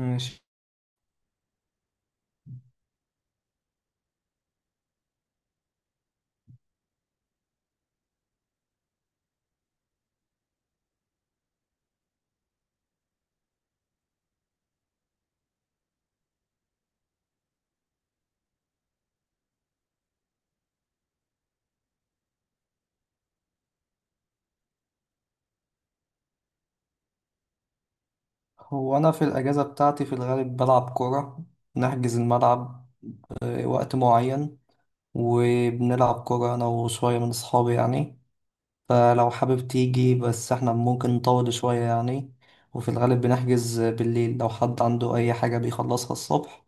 ماشي. هو أنا في الأجازة بتاعتي في الغالب بلعب كورة، نحجز الملعب وقت معين، وبنلعب كورة أنا وشوية من أصحابي يعني. فلو حابب تيجي بس احنا ممكن نطول شوية يعني. وفي الغالب بنحجز بالليل لو حد عنده أي حاجة بيخلصها الصبح،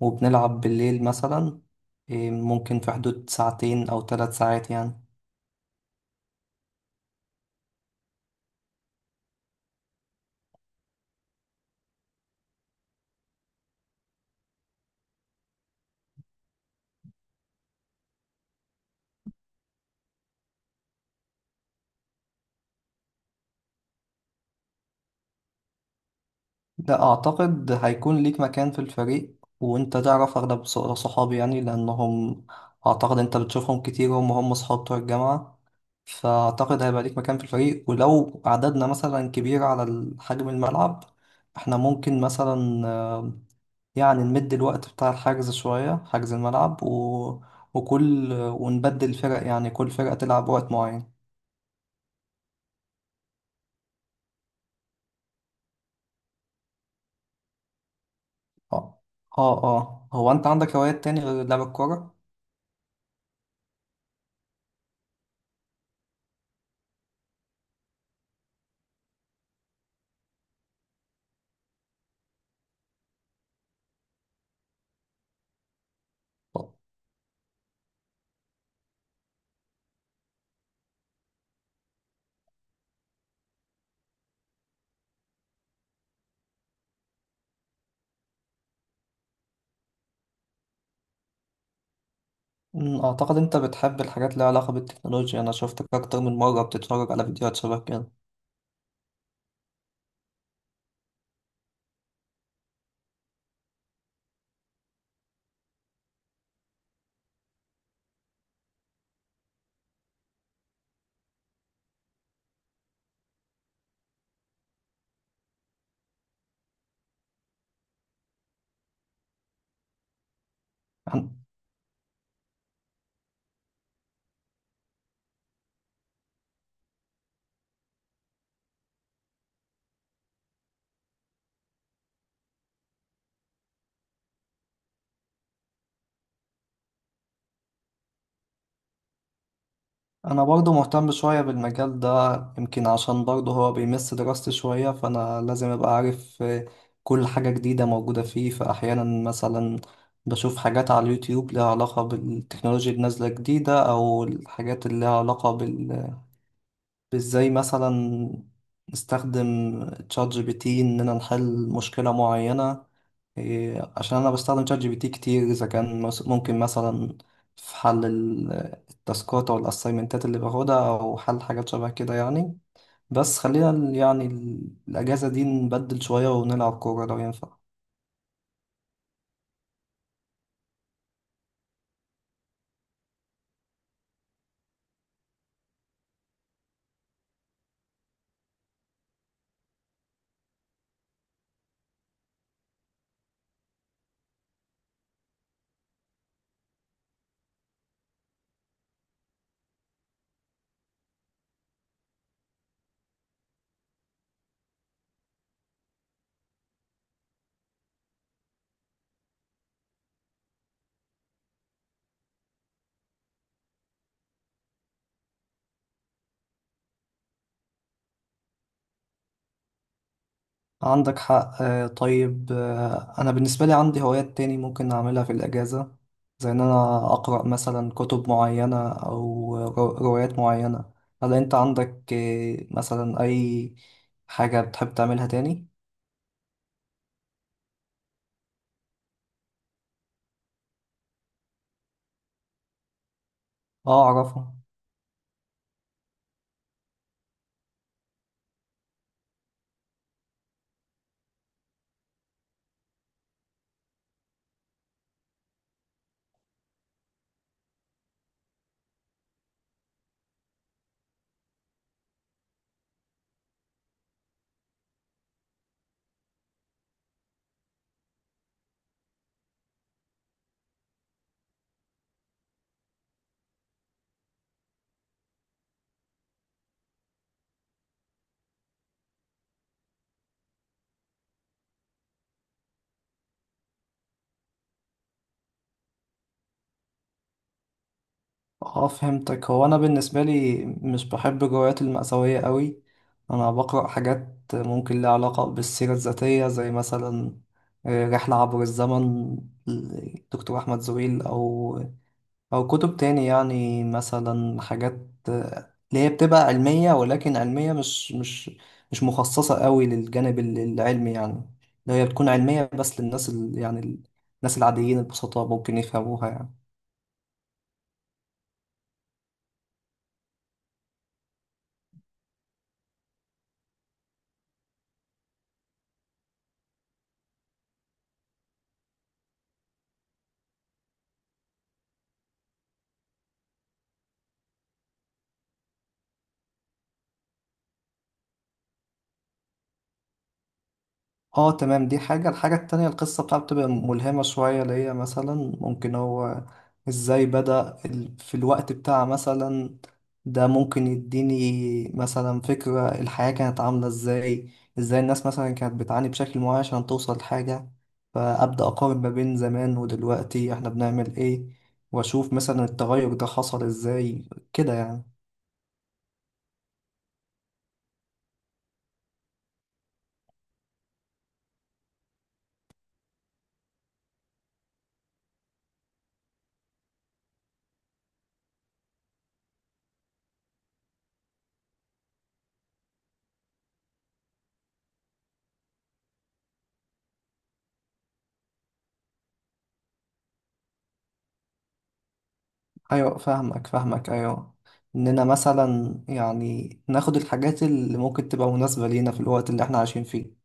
وبنلعب بالليل مثلا. ممكن في حدود ساعتين أو 3 ساعات يعني. لا أعتقد هيكون ليك مكان في الفريق، وأنت تعرف أغلب صحابي يعني لأنهم أعتقد أنت بتشوفهم كتير، هم صحاب بتوع الجامعة. فأعتقد هيبقى ليك مكان في الفريق، ولو عددنا مثلا كبير على حجم الملعب، إحنا ممكن مثلا يعني نمد الوقت بتاع الحجز شوية، حجز الملعب ونبدل الفرق، يعني كل فرقة تلعب وقت معين. اه. هو أنت عندك هوايات تاني غير لعب الكورة؟ أعتقد أنت بتحب الحاجات اللي لها علاقة بالتكنولوجيا، أنا شفتك أكتر من مرة بتتفرج على فيديوهات شبه كده. أنا أنا برضه مهتم شوية بالمجال ده، يمكن عشان برضه هو بيمس دراستي شوية، فأنا لازم أبقى عارف كل حاجة جديدة موجودة فيه. فأحيانا مثلا بشوف حاجات على اليوتيوب لها علاقة بالتكنولوجيا النازلة جديدة، أو الحاجات اللي لها علاقة ازاي مثلا نستخدم تشات جي بي تي اننا نحل مشكلة معينة. عشان انا بستخدم تشات جي بي تي كتير اذا كان ممكن مثلا في حل التاسكات او الاسايمنتات اللي باخدها او حل حاجات شبه كده يعني. بس خلينا الاجازة دي نبدل شوية ونلعب كورة لو ينفع. عندك حق. طيب، أنا بالنسبة لي عندي هوايات تاني ممكن أعملها في الأجازة، زي إن أنا أقرأ مثلا كتب معينة أو روايات معينة. هل أنت عندك مثلا أي حاجة بتحب تعملها تاني؟ آه، أعرفها. آه، فهمتك. هو أنا بالنسبة لي مش بحب الروايات المأساوية قوي، أنا بقرأ حاجات ممكن لها علاقة بالسيرة الذاتية، زي مثلا رحلة عبر الزمن دكتور أحمد زويل، أو كتب تاني يعني مثلا حاجات اللي هي بتبقى علمية، ولكن علمية مش مخصصة قوي للجانب العلمي يعني، اللي هي بتكون علمية بس للناس الناس العاديين البسطاء ممكن يفهموها يعني. اه، تمام، دي حاجة. الحاجة التانية، القصة بتاعته بتبقى ملهمة شوية، اللي هي مثلا ممكن هو ازاي بدأ في الوقت بتاع مثلا ده، ممكن يديني مثلا فكرة الحياة كانت عاملة ازاي، ازاي الناس مثلا كانت بتعاني بشكل معين عشان توصل لحاجة، فأبدأ أقارن ما بين زمان ودلوقتي احنا بنعمل ايه، وأشوف مثلا التغير ده حصل ازاي كده يعني. ايوه فاهمك، فاهمك، ايوه، اننا مثلا يعني ناخد الحاجات اللي ممكن تبقى مناسبة لينا في الوقت اللي احنا عايشين فيه.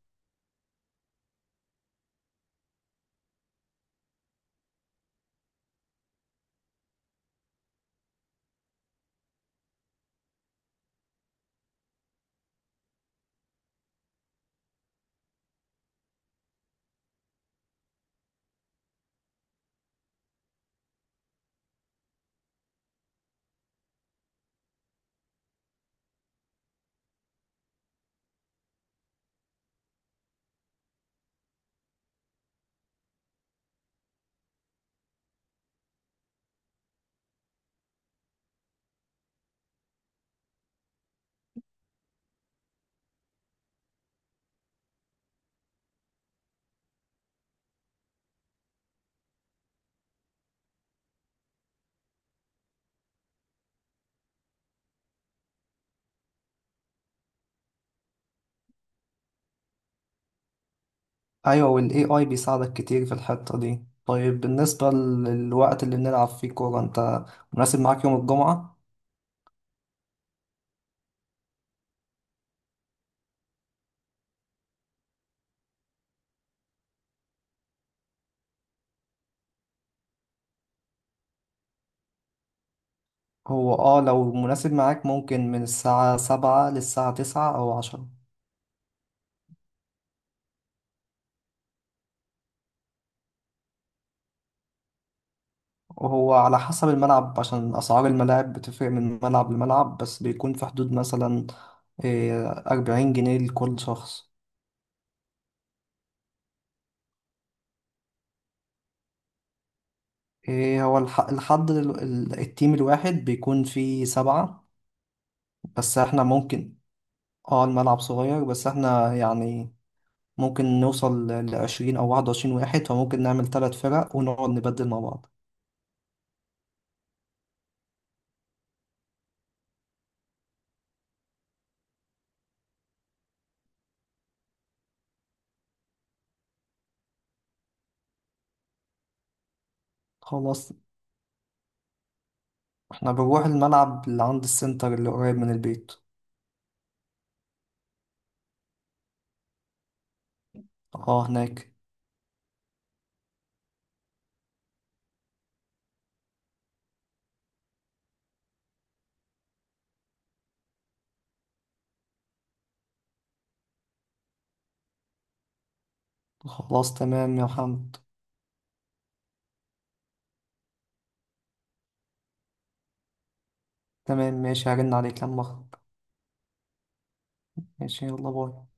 ايوه، والاي اي بيساعدك كتير في الحتة دي. طيب بالنسبة للوقت اللي بنلعب فيه كورة، انت مناسب معاك يوم الجمعة؟ هو اه، لو مناسب معاك ممكن من الساعة 7 للساعة 9 او 10. وهو على حسب الملعب، عشان أسعار الملاعب بتفرق من ملعب لملعب، بس بيكون في حدود مثلا 40 جنيه لكل شخص. إيه، هو التيم الواحد بيكون فيه 7. بس احنا ممكن، اه، الملعب صغير، بس احنا يعني ممكن نوصل ل20 أو 21 واحد، فممكن نعمل 3 فرق ونقعد نبدل مع بعض. خلاص، احنا بنروح الملعب اللي عند السنتر اللي قريب من البيت. اه، هناك. خلاص، تمام يا محمد. تمام، ماشي، هرن عليك لما أخرج. ماشي، يلا باي.